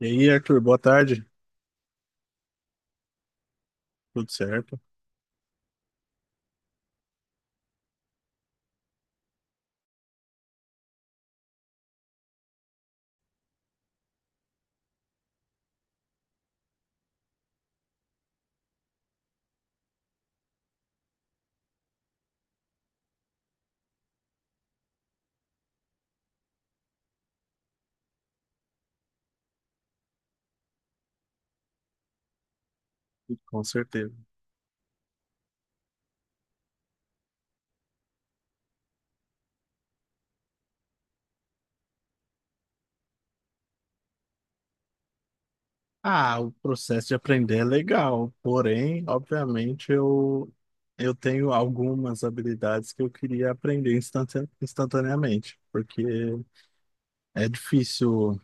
E aí, Arthur, boa tarde. Tudo certo? Tudo. Com certeza. Ah, o processo de aprender é legal, porém, obviamente, eu tenho algumas habilidades que eu queria aprender instantaneamente, porque é difícil,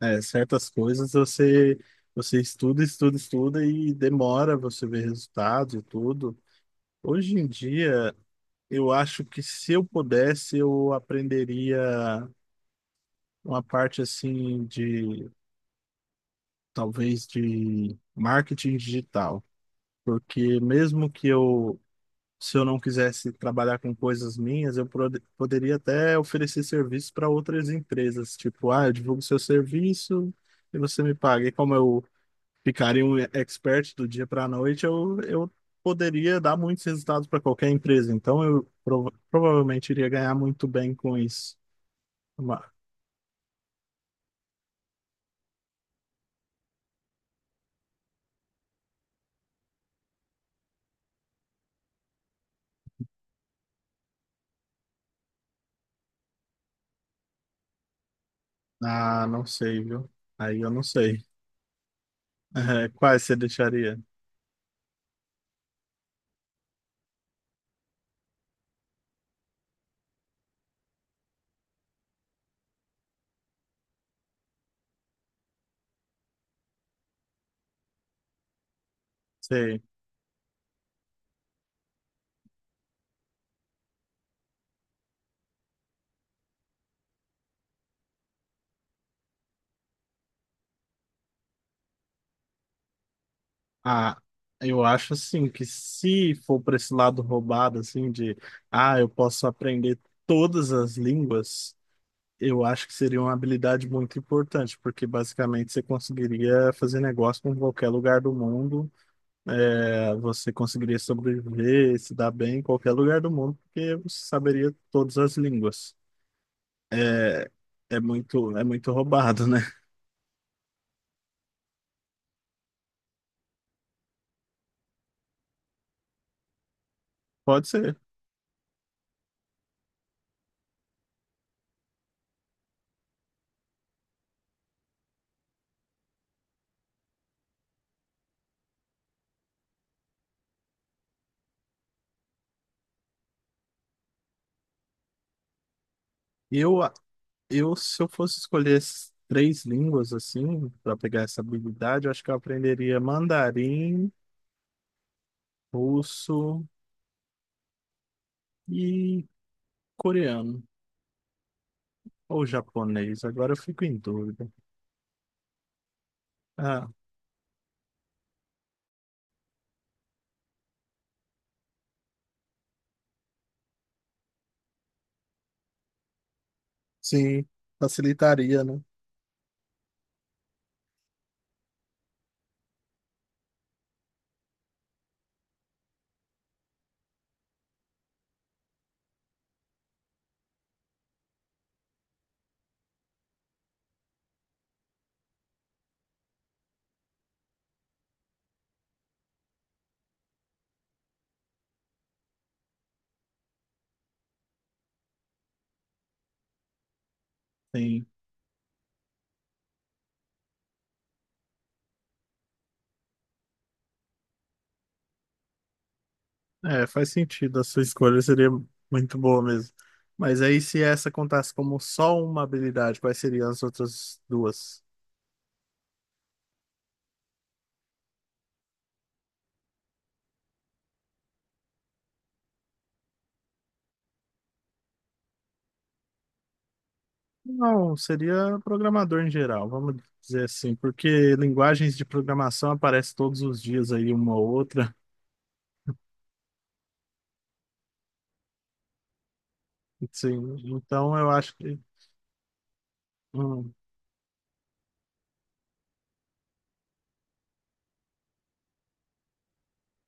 certas coisas, você estuda, estuda, estuda e demora você ver resultados e tudo. Hoje em dia, eu acho que se eu pudesse, eu aprenderia uma parte assim de talvez de marketing digital, porque mesmo se eu não quisesse trabalhar com coisas minhas, eu poderia até oferecer serviço para outras empresas, tipo, ah, eu divulgo seu serviço e você me paga. E como eu ficaria um expert do dia para a noite, eu poderia dar muitos resultados para qualquer empresa, então eu provavelmente iria ganhar muito bem com isso. Uma... Ah, não sei, viu? Aí eu não sei. Quais você deixaria? Sei. Ah, eu acho assim que se for para esse lado roubado, assim, de ah, eu posso aprender todas as línguas, eu acho que seria uma habilidade muito importante, porque basicamente você conseguiria fazer negócio com qualquer lugar do mundo, você conseguiria sobreviver, se dar bem em qualquer lugar do mundo, porque você saberia todas as línguas. É, é muito roubado, né? Pode ser. Eu, Eu, se eu fosse escolher as três línguas, assim, para pegar essa habilidade, eu acho que eu aprenderia mandarim, russo e coreano, ou japonês. Agora eu fico em dúvida. Ah, sim, facilitaria, né? Sim. É, faz sentido, a sua escolha seria muito boa mesmo. Mas aí, se essa contasse como só uma habilidade, quais seriam as outras duas? Não, seria programador em geral, vamos dizer assim, porque linguagens de programação aparecem todos os dias aí uma ou outra. Sim, então eu acho que... hum,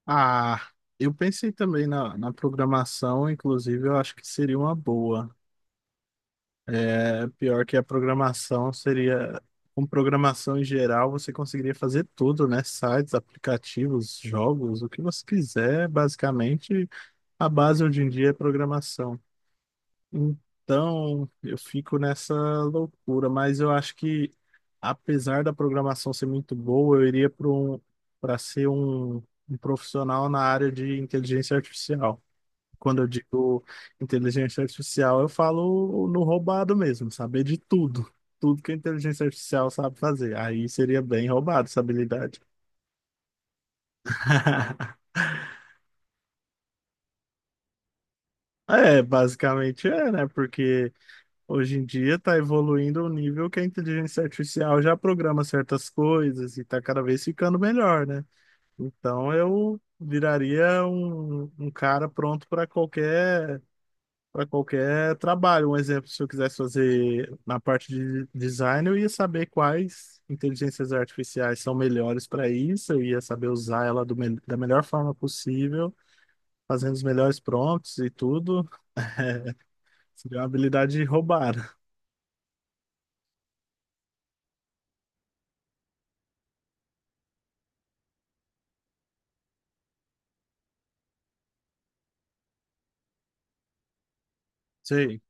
ah, eu pensei também na programação, inclusive eu acho que seria uma boa. É, pior que a programação seria. Com programação em geral, você conseguiria fazer tudo, né? Sites, aplicativos, jogos, o que você quiser, basicamente. A base hoje em dia é programação. Então, eu fico nessa loucura, mas eu acho que, apesar da programação ser muito boa, eu iria para para ser um, um profissional na área de inteligência artificial. Quando eu digo inteligência artificial, eu falo no roubado mesmo, saber de tudo, tudo que a inteligência artificial sabe fazer. Aí seria bem roubado essa habilidade. É, basicamente é, né? Porque hoje em dia está evoluindo ao nível que a inteligência artificial já programa certas coisas e está cada vez ficando melhor, né? Então eu viraria um cara pronto para qualquer trabalho. Um exemplo, se eu quisesse fazer na parte de design, eu ia saber quais inteligências artificiais são melhores para isso, eu ia saber usar ela do da melhor forma possível, fazendo os melhores prompts e tudo. Seria uma habilidade roubada. Sei.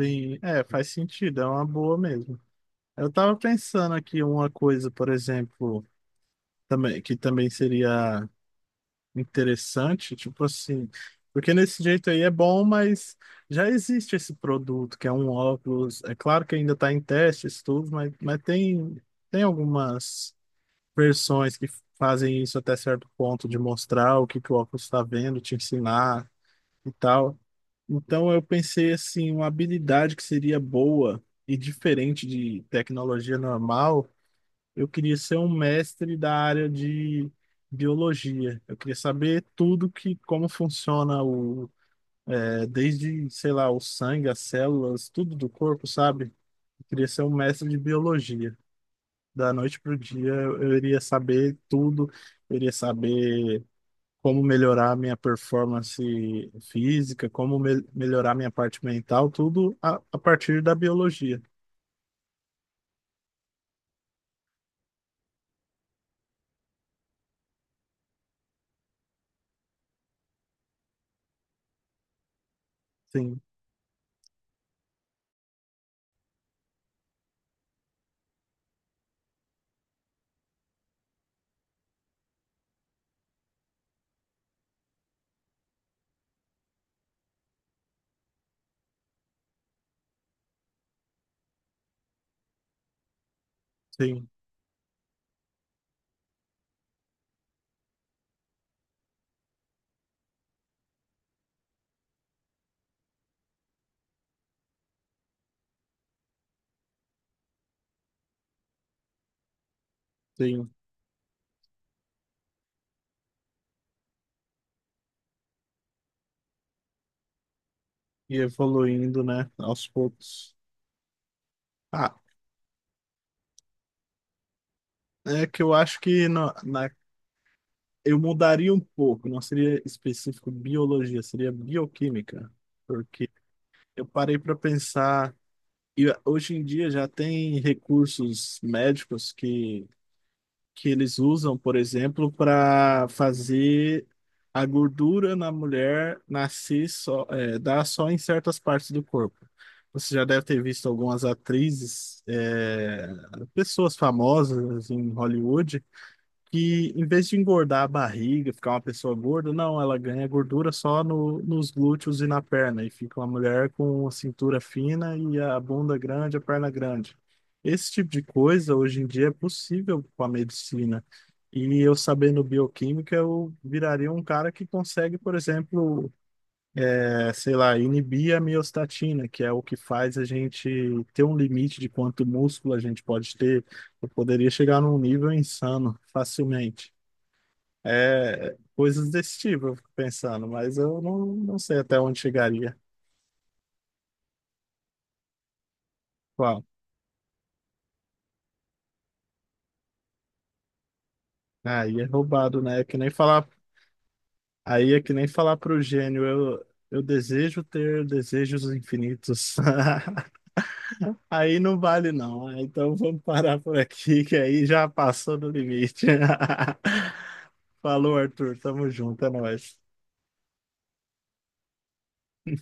Sim, é, faz sentido, é uma boa mesmo. Eu tava pensando aqui uma coisa, por exemplo, também, que também seria interessante, tipo assim, porque nesse jeito aí é bom, mas já existe esse produto, que é um óculos, é claro que ainda está em testes, tudo, mas, tem algumas versões que fazem isso até certo ponto, de mostrar o que que o óculos está vendo, te ensinar e tal. Então eu pensei assim, uma habilidade que seria boa e diferente de tecnologia normal, eu queria ser um mestre da área de biologia. Eu queria saber tudo que como funciona o desde, sei lá, o sangue, as células, tudo do corpo, sabe? Eu queria ser um mestre de biologia. Da noite pro dia eu iria saber tudo, eu iria saber como melhorar minha performance física, como melhorar minha parte mental, tudo a partir da biologia. Sim, sim, sim. E evoluindo, né, aos poucos. Ah, é que eu acho que eu mudaria um pouco, não seria específico biologia, seria bioquímica, porque eu parei para pensar. E hoje em dia já tem recursos médicos que eles usam, por exemplo, para fazer a gordura na mulher nascer só, dar só em certas partes do corpo. Você já deve ter visto algumas atrizes, pessoas famosas em Hollywood que em vez de engordar a barriga, ficar uma pessoa gorda, não, ela ganha gordura só no, nos glúteos e na perna, e fica uma mulher com a cintura fina e a bunda grande, a perna grande. Esse tipo de coisa hoje em dia é possível com a medicina. E eu sabendo bioquímica, eu viraria um cara que consegue, por exemplo, sei lá, inibir a miostatina, que é o que faz a gente ter um limite de quanto músculo a gente pode ter. Eu poderia chegar num nível insano facilmente. É, coisas desse tipo, eu fico pensando, mas eu não, não sei até onde chegaria. Qual? Aí é roubado, né? É que nem falar, aí é que nem falar pro gênio, eu desejo ter desejos infinitos. Aí não vale, não, né? Então vamos parar por aqui, que aí já passou do limite. Falou, Arthur. Tamo junto, é nóis.